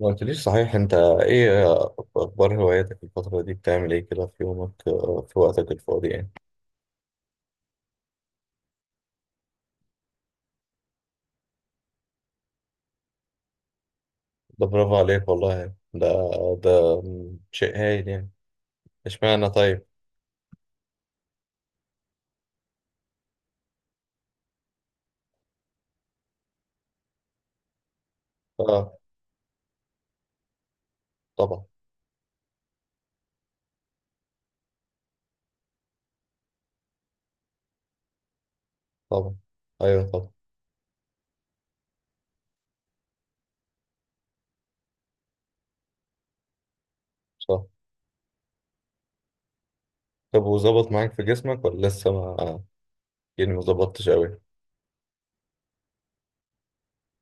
ما قلتليش صحيح انت؟ ايه اخبار هواياتك الفترة دي، بتعمل ايه كده في يومك، في وقتك الفاضي يعني؟ ده برافو عليك والله. ده شيء هايل يعني. اشمعنى طيب؟ اه طبعا. طبعا، ايوه طبعا. صح. طب وظبط معاك في جسمك ولا لسه ما، يعني ما ظبطتش قوي؟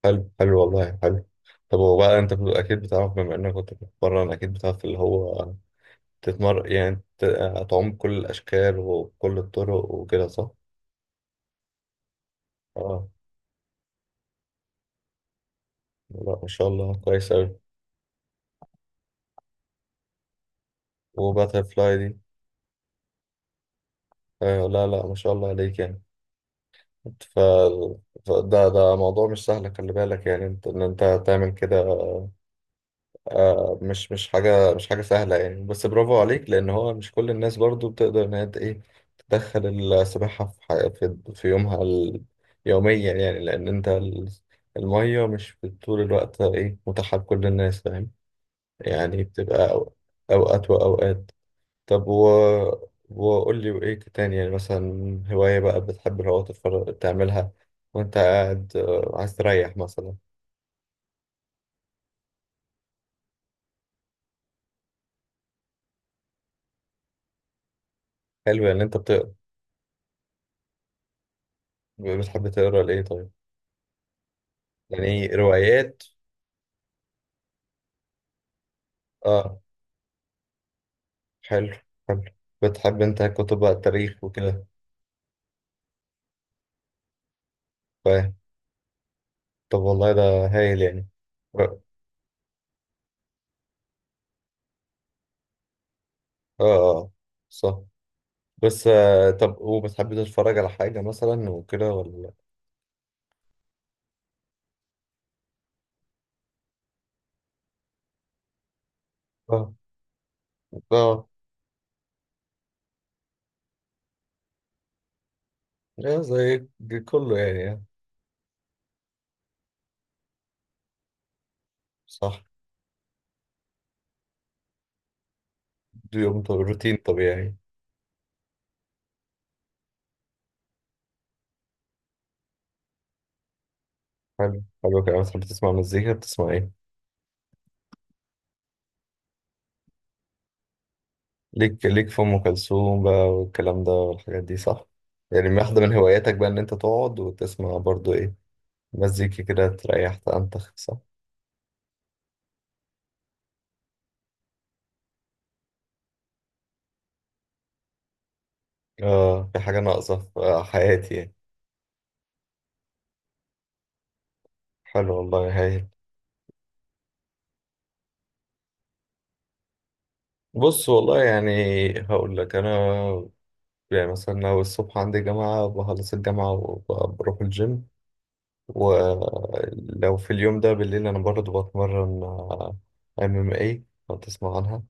حلو حلو والله، حلو. طب هو بقى انت اكيد بتعرف، بما انك كنت بتتمرن اكيد بتعرف اللي هو تتمرن، يعني تعوم كل الاشكال وكل الطرق وكده، صح؟ اه لا ما شاء الله، كويس أوي. وباتر فلاي دي. آه لا لا، ما شاء الله عليك يعني. ف... فده موضوع مش سهل، خلي بالك يعني انت، ان انت تعمل كده. مش حاجة سهلة يعني، بس برافو عليك، لأن هو مش كل الناس برضو بتقدر إن هي ت- إيه تدخل السباحة في في يومها، يوميا يعني. لأن انت المية مش طول الوقت متاحة لكل الناس، فاهم يعني، بتبقى أوقات وأوقات. طب و... وقول لي وإيه تاني، يعني مثلا هواية بقى بتحب اللي هو تتفرج تعملها وأنت قاعد، عايز تريح مثلا. حلو يعني، أنت بتحب تقرا لإيه طيب؟ يعني إيه، روايات؟ آه، حلو حلو. بتحب أنت كتب بقى التاريخ وكده؟ فاهم. طب والله ده هايل يعني. آه، آه، آه، صح. بس طب، وبتحب تتفرج على حاجة مثلا وكده ولا؟ آه، آه، إيه، زي كله يعني، صح. يوم روتين طبيعي. حلو، حلو كده. بتحب تسمع مزيكا، بتسمع ايه؟ ليك في ام كلثوم بقى والكلام ده والحاجات دي، صح؟ يعني واحده من هواياتك بقى ان انت تقعد وتسمع برضو ايه، مزيكا كده تريح تنتخ، صح؟ اه، في حاجه ناقصه في حياتي يعني. حلو والله، هايل. بص والله يعني، هقول لك انا، يعني مثلا لو الصبح عندي جامعه بخلص الجامعه وبروح الجيم. ولو في اليوم ده بالليل انا برضه بتمرن. ام ام اي لو تسمع عنها.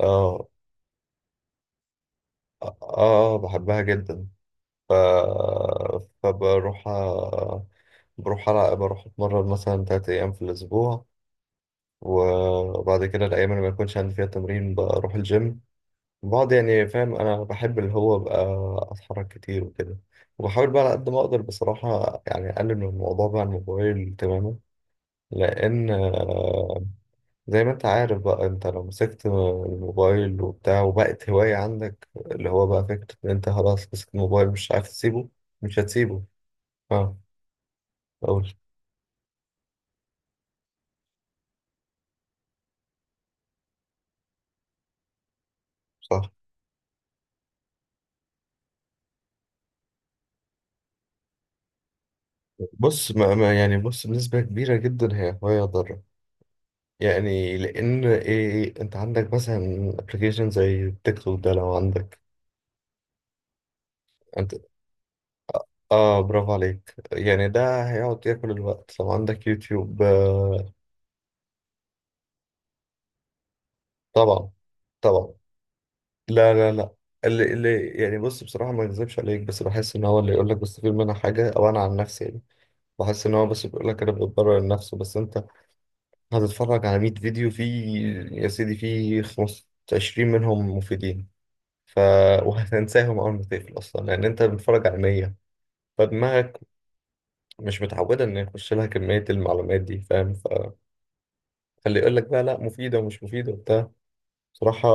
اه، اه، بحبها جدا. ف... فبروح أ- بروح ألعب، بروح اتمرن مثلا تلات ايام في الاسبوع. وبعد كده الايام اللي ما يكونش عندي فيها تمرين بروح الجيم بعض، يعني فاهم، انا بحب اللي هو ابقى اتحرك كتير وكده. وبحاول بقى على قد ما اقدر بصراحة يعني اقلل من الموضوع بقى على الموبايل تماما، لان زي ما انت عارف بقى، انت لو مسكت الموبايل وبتاع وبقت هواية عندك، اللي هو بقى فكرة ان انت خلاص مسكت الموبايل مش عارف تسيبه، مش هتسيبه. اه، اقول صح. بص، ما يعني، بص بنسبة كبيرة جدا هي هواية ضارة، يعني لان ايه، انت عندك مثلا ابلكيشن زي تيك توك ده لو عندك انت. اه برافو عليك يعني، ده هيقعد ياكل الوقت لو عندك يوتيوب. طبعا، طبعا. لا لا لا، اللي يعني، بص بصراحة ما اكذبش عليك، بس بحس ان هو اللي يقول لك بستفيد منها حاجة، او انا عن نفسي يعني بحس ان هو بس بيقول لك، انا بتبرر لنفسه. بس انت هتتفرج على 100 فيديو فيه، يا سيدي فيه 25 منهم مفيدين. ف وهتنساهم اول ما تقفل اصلا، لان انت بتتفرج على 100، فدماغك مش متعودة ان يخش لها كمية المعلومات دي، فاهم. فاللي يقول لك بقى لا مفيدة ومش مفيدة وبتاع، بصراحة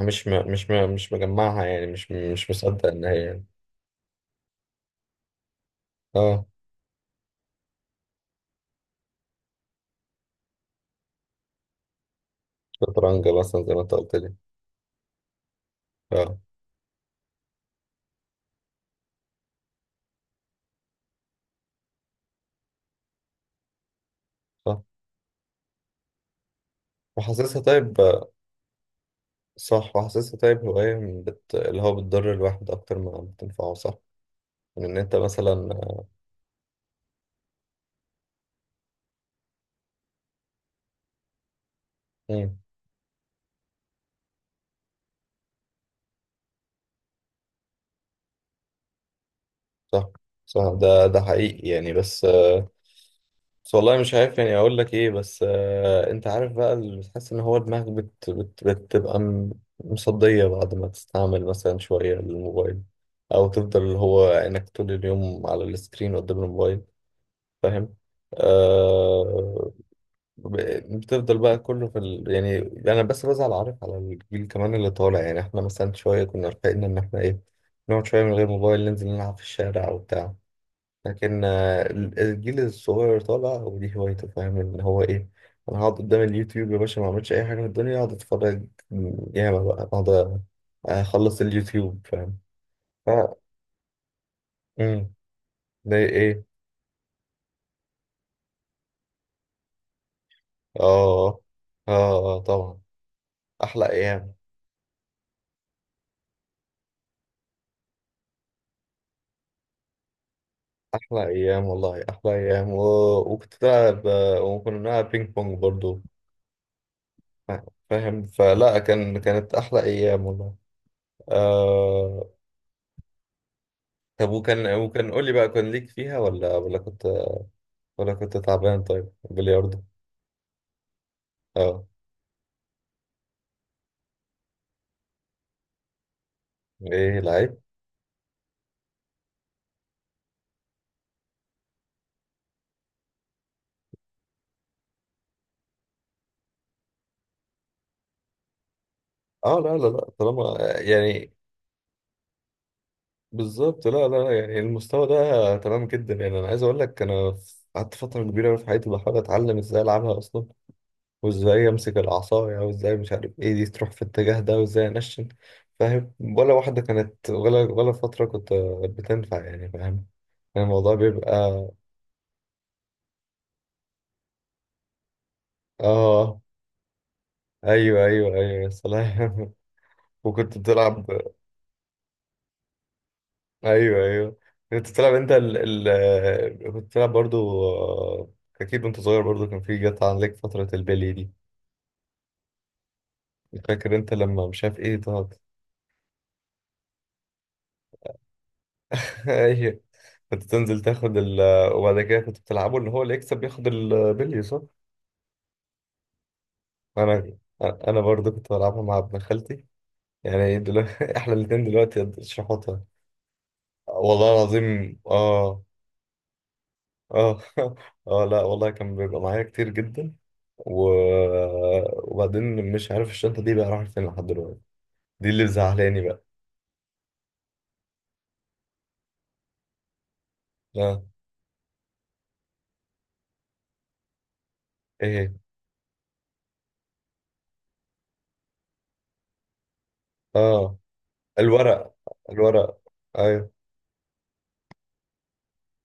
مش مجمعها يعني، مش مصدق ان هي يعني. اه، شطرنج مثلا زي ما انت قلت لي. اه، صح، وحاسسها طيب، صح. وحاسسها طيب هواية من اللي هو بتضر الواحد أكتر ما بتنفعه، صح، من إن أنت مثلا. مم. صح، صح، ده حقيقي يعني. بس بس والله مش عارف يعني أقول لك إيه. بس أنت عارف بقى اللي بتحس إن هو دماغك بتبقى مصدية بعد ما تستعمل مثلا شوية الموبايل، أو تفضل اللي هو إنك طول اليوم على السكرين قدام الموبايل، فاهم. آه بتفضل بقى كله في يعني. انا بس بزعل عارف، على الجيل كمان اللي طالع يعني، احنا مثلا شويه كنا رفاقنا ان احنا ايه، نقعد شويه من غير موبايل، ننزل نلعب في الشارع وبتاع. لكن الجيل الصغير طالع ودي هوايته، فاهم ان هو ايه، انا هقعد قدام اليوتيوب يا باشا ما اعملش اي حاجه في الدنيا، اقعد اتفرج ياما بقى، اقعد اخلص اليوتيوب، فاهم. ف امم ده ايه؟ اه، اه، طبعا. احلى ايام، احلى ايام والله، احلى ايام وكنت بلعب، وكنا بنلعب بينج بونج برضو، فا- فاهم، فلا كانت احلى ايام والله. آه... طب وكان قول لي بقى، كان ليك فيها ولا كنت، ولا كنت تعبان؟ طيب بلياردو. اه، ايه لعيب. اه، لا لا لا، طالما يعني، بالظبط. لا لا، يعني المستوى ده تمام جدا يعني. انا عايز اقول لك، انا قعدت فتره كبيره أوي في حياتي بحاول اتعلم ازاي العبها اصلا، وازاي امسك العصاية، وازاي مش عارف ايه دي تروح في الاتجاه ده، وازاي انشن، فاهم؟ ولا واحدة كانت، ولا فترة كنت بتنفع يعني، فاهم، يعني الموضوع بيبقى. اه، ايوه ايوه ايوه، يا سلام. وكنت بتلعب. ايوه ايوه، كنت بتلعب انت ال ال كنت بتلعب برضو، اكيد وانت صغير برضو، كان في، جت عليك فترة البلي دي، فاكر انت لما مش عارف ايه ده؟ ايوه. كنت تنزل تاخد وبعد كده كنت بتلعبوا ان هو اللي يكسب ياخد البلي، صح؟ انا برضه كنت بلعبها مع ابن خالتي، يعني دلوقتي احنا الاتنين دلوقتي شحوطة. والله العظيم اه. اه اه لا والله، كان بيبقى معايا كتير جدا و... وبعدين مش عارف الشنطة دي بقى راحت فين لحد دلوقتي، دي اللي زعلاني بقى. اه، ايه. اه، الورق الورق. أيوه.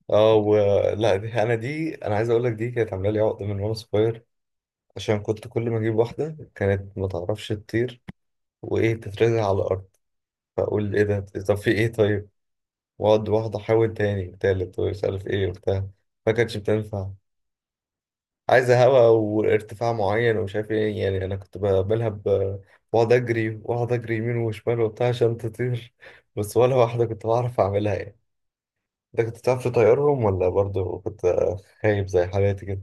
اه ولا دي انا عايز اقول لك دي كانت عامله لي عقده من وانا صغير، عشان كنت كل ما اجيب واحده كانت ما تعرفش تطير، وايه، تترزع على الارض. فاقول ايه ده، طب في ايه طيب؟ واقعد واحده احاول تاني تالت ومش عارف ايه وبتاع، ما كانتش بتنفع. عايزه هواء وارتفاع معين ومش عارف ايه يعني، انا كنت بعملها بقعد اجري، واقعد اجري يمين وشمال وبتاع عشان تطير، بس ولا واحده كنت بعرف اعملها يعني. انت كنت بتعرف تطيرهم، ولا برضه كنت خايب زي حالاتي كده؟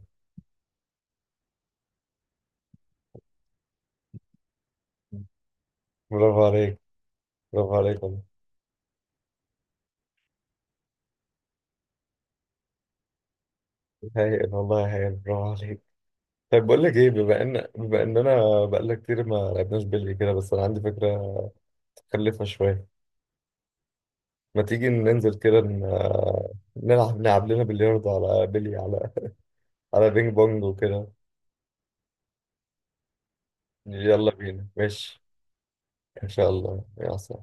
برافو عليك. برافو عليك والله، هايل والله هايل، برافو عليك. طيب بقول لك ايه، بما اننا بقالنا كتير ما لعبناش بلي كده، بس انا عندي فكره متخلفه شويه، ما تيجي ننزل كده نلعب لنا بلياردو، على بلي، على بينج بونج وكده؟ يلا بينا، ماشي. ان شاء الله يا